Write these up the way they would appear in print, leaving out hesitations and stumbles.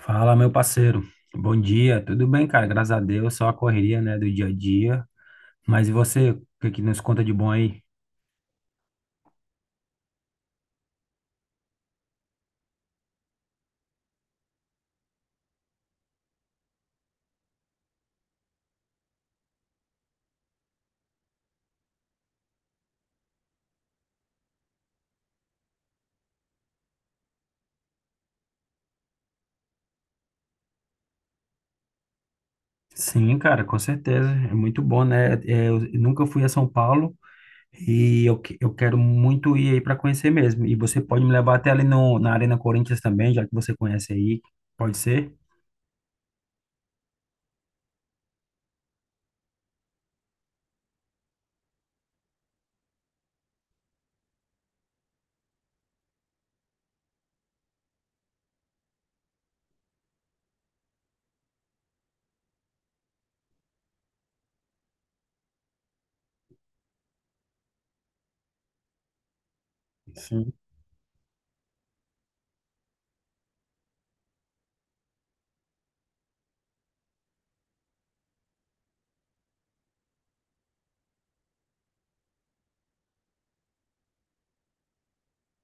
Fala, meu parceiro. Bom dia. Tudo bem, cara? Graças a Deus. Só a correria, né, do dia a dia. Mas e você? O que que nos conta de bom aí? Sim, cara, com certeza. É muito bom, né? É, eu nunca fui a São Paulo e eu quero muito ir aí para conhecer mesmo. E você pode me levar até ali no, na Arena Corinthians também, já que você conhece aí. Pode ser?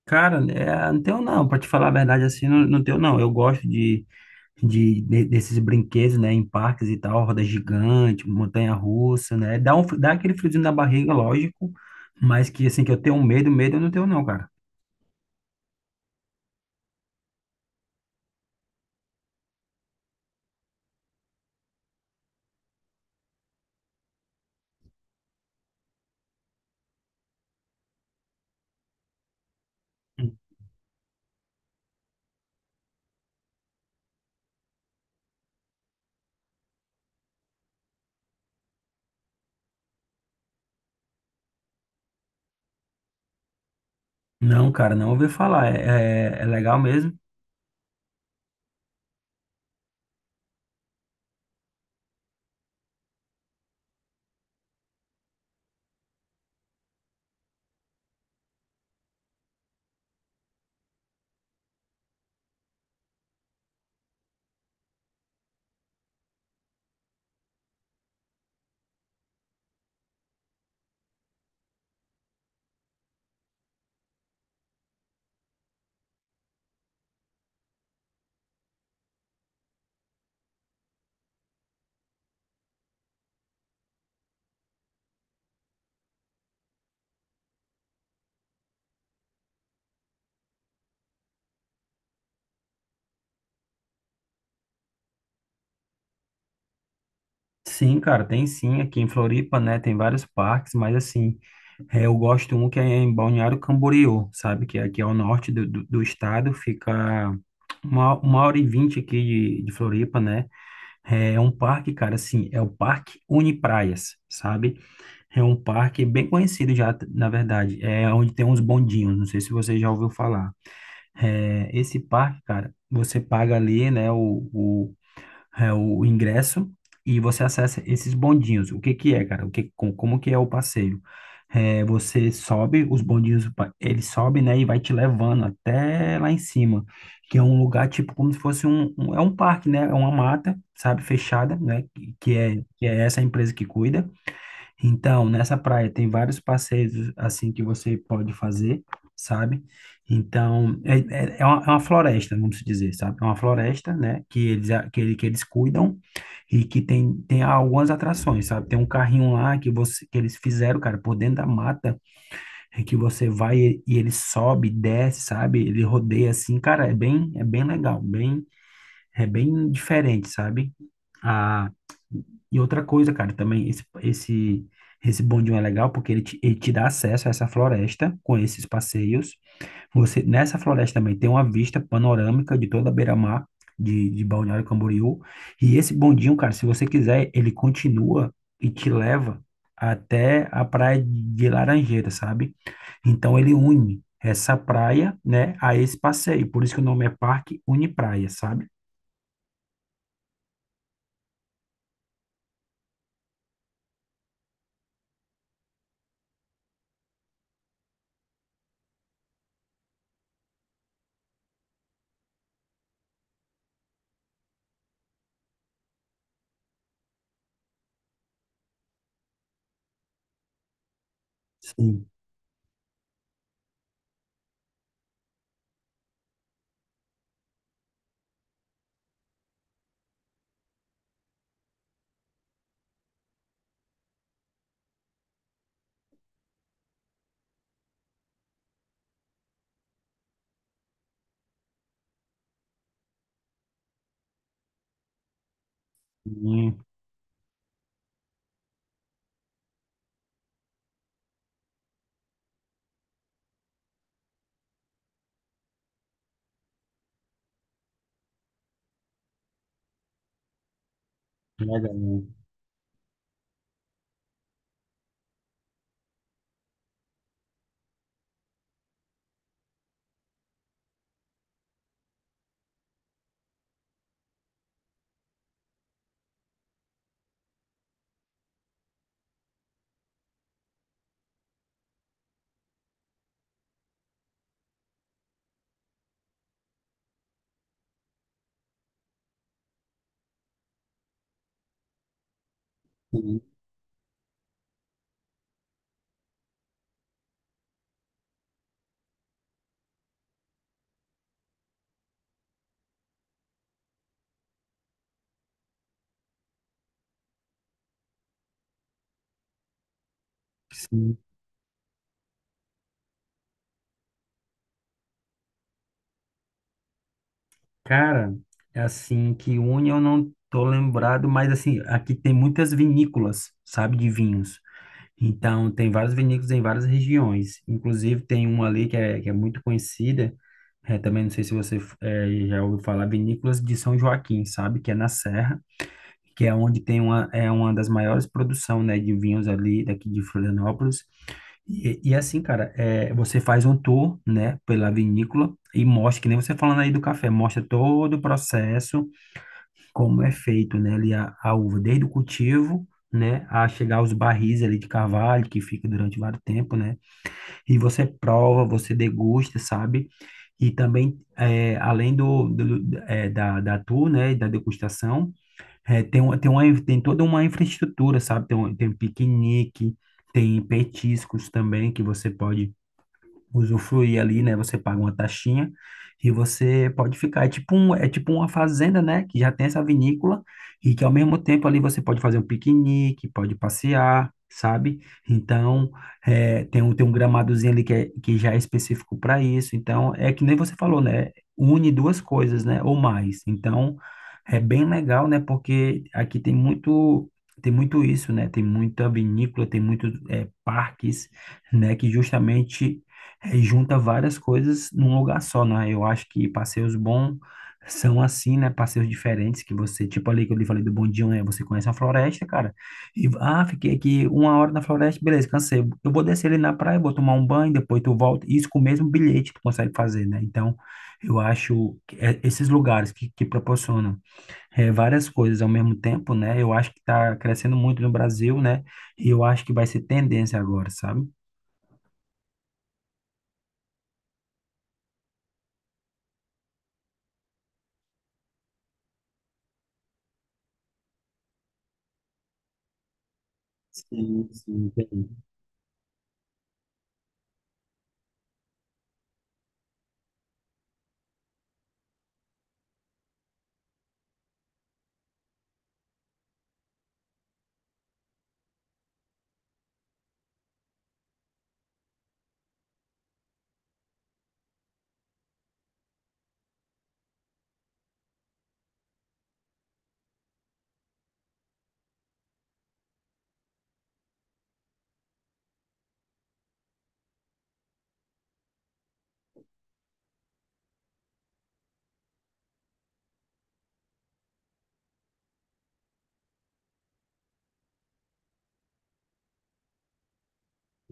Cara, é, não tenho não, pra te falar a verdade assim, não, não tenho não. Eu gosto de desses brinquedos, né, em parques e tal, roda gigante, montanha-russa, né? Dá aquele friozinho na barriga, lógico, mas que assim que eu tenho medo, medo eu não tenho não, cara. Não, cara, não ouvi falar. É legal mesmo. Sim, cara, tem sim. Aqui em Floripa, né, tem vários parques, mas assim, é, eu gosto um que é em Balneário Camboriú, sabe? Que é aqui é ao norte do estado, fica uma hora e vinte aqui de Floripa, né? É um parque, cara, assim, é o Parque Unipraias, sabe? É um parque bem conhecido já, na verdade, é onde tem uns bondinhos, não sei se você já ouviu falar. É, esse parque, cara, você paga ali, né, o ingresso e você acessa esses bondinhos. O que que é, cara? Como que é o passeio? É, você sobe, os bondinhos, ele sobe, né, e vai te levando até lá em cima, que é um lugar tipo como se fosse um parque, né, é uma mata, sabe, fechada, né, que é essa empresa que cuida. Então, nessa praia tem vários passeios assim que você pode fazer, sabe? Então, é uma floresta, vamos dizer, sabe? É uma floresta, né? Que eles cuidam e que tem algumas atrações, sabe? Tem um carrinho lá que eles fizeram, cara, por dentro da mata, em que você vai e ele sobe, desce, sabe? Ele rodeia assim, cara, é bem, legal, é bem diferente, sabe? Ah, e outra coisa, cara, também esse bondinho é legal porque ele te dá acesso a essa floresta com esses passeios. Nessa floresta também tem uma vista panorâmica de toda a beira-mar de Balneário Camboriú. E esse bondinho, cara, se você quiser, ele continua e te leva até a praia de Laranjeira, sabe? Então ele une essa praia, né, a esse passeio. Por isso que o nome é Parque Une Praia, sabe? Sim, sim, legal. Sim, sim. Cara, é assim que une eu não tô lembrado, mas assim, aqui tem muitas vinícolas, sabe, de vinhos. Então, tem vários vinícolas em várias regiões. Inclusive, tem uma ali que é muito conhecida, é, também não sei se você já ouviu falar, Vinícolas de São Joaquim, sabe, que é na Serra, que é onde tem uma das maiores produção, né, de vinhos ali daqui de Florianópolis. E assim, cara, é, você faz um tour, né, pela vinícola e mostra, que nem você falando aí do café, mostra todo o processo, como é feito, né, ali a uva, desde o cultivo, né, a chegar aos barris ali de carvalho, que fica durante vários tempo, né, e você prova, você degusta, sabe? E também, é, além da tour, né, e da degustação, é, tem toda uma infraestrutura, sabe? Tem piquenique, tem petiscos também que você pode usufruir ali, né? Você paga uma taxinha e você pode ficar. É tipo uma fazenda, né? Que já tem essa vinícola e que ao mesmo tempo ali você pode fazer um piquenique, pode passear, sabe? Então, tem um gramadozinho ali que já é específico para isso. Então, é que nem você falou, né? Une duas coisas, né? Ou mais. Então, é bem legal, né? Porque aqui tem muito. Tem muito isso, né? Tem muita vinícola, tem muitos parques, né? Que justamente junta várias coisas num lugar só, né? Eu acho que passeios bons são assim, né? Passeios diferentes que você, tipo ali que eu lhe falei do bondinho, né? Você conhece a floresta, cara. E fiquei aqui uma hora na floresta, beleza, cansei. Eu vou descer ali na praia, vou tomar um banho, depois tu volta. Isso com o mesmo bilhete tu consegue fazer, né? Então, eu acho que esses lugares que proporcionam várias coisas ao mesmo tempo, né? Eu acho que tá crescendo muito no Brasil, né? E eu acho que vai ser tendência agora, sabe? Sim, sim, entendi.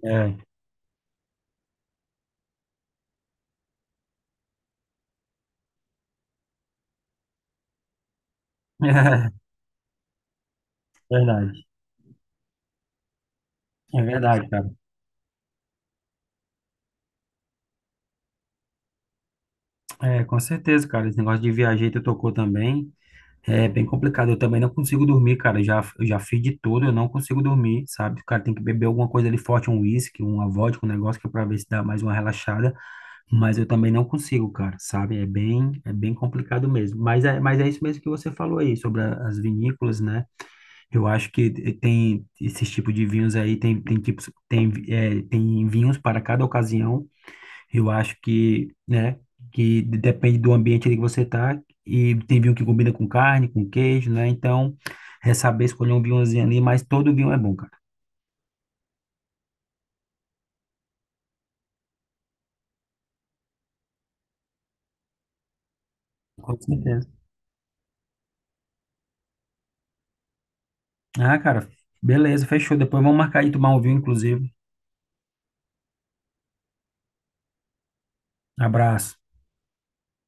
É. É verdade, é verdade, cara. É, com certeza, cara. Esse negócio de viajar que tu tocou também é bem complicado. Eu também não consigo dormir, cara. Eu já fiz de tudo, eu não consigo dormir, sabe? O cara tem que beber alguma coisa ali forte, um uísque, uma vodka, um negócio que é pra ver se dá mais uma relaxada. Mas eu também não consigo, cara, sabe? É bem complicado mesmo. Mas é isso mesmo que você falou aí sobre as vinícolas, né? Eu acho que tem esses tipos de vinhos aí, tem tipos, tem vinhos para cada ocasião. Eu acho que, né, que depende do ambiente ali que você tá, e tem vinho que combina com carne, com queijo, né? Então, é saber escolher um vinhozinho ali, mas todo vinho é bom, cara. Com certeza. Ah, cara, beleza, fechou. Depois vamos marcar de tomar um vinho, inclusive. Abraço.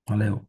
Valeu.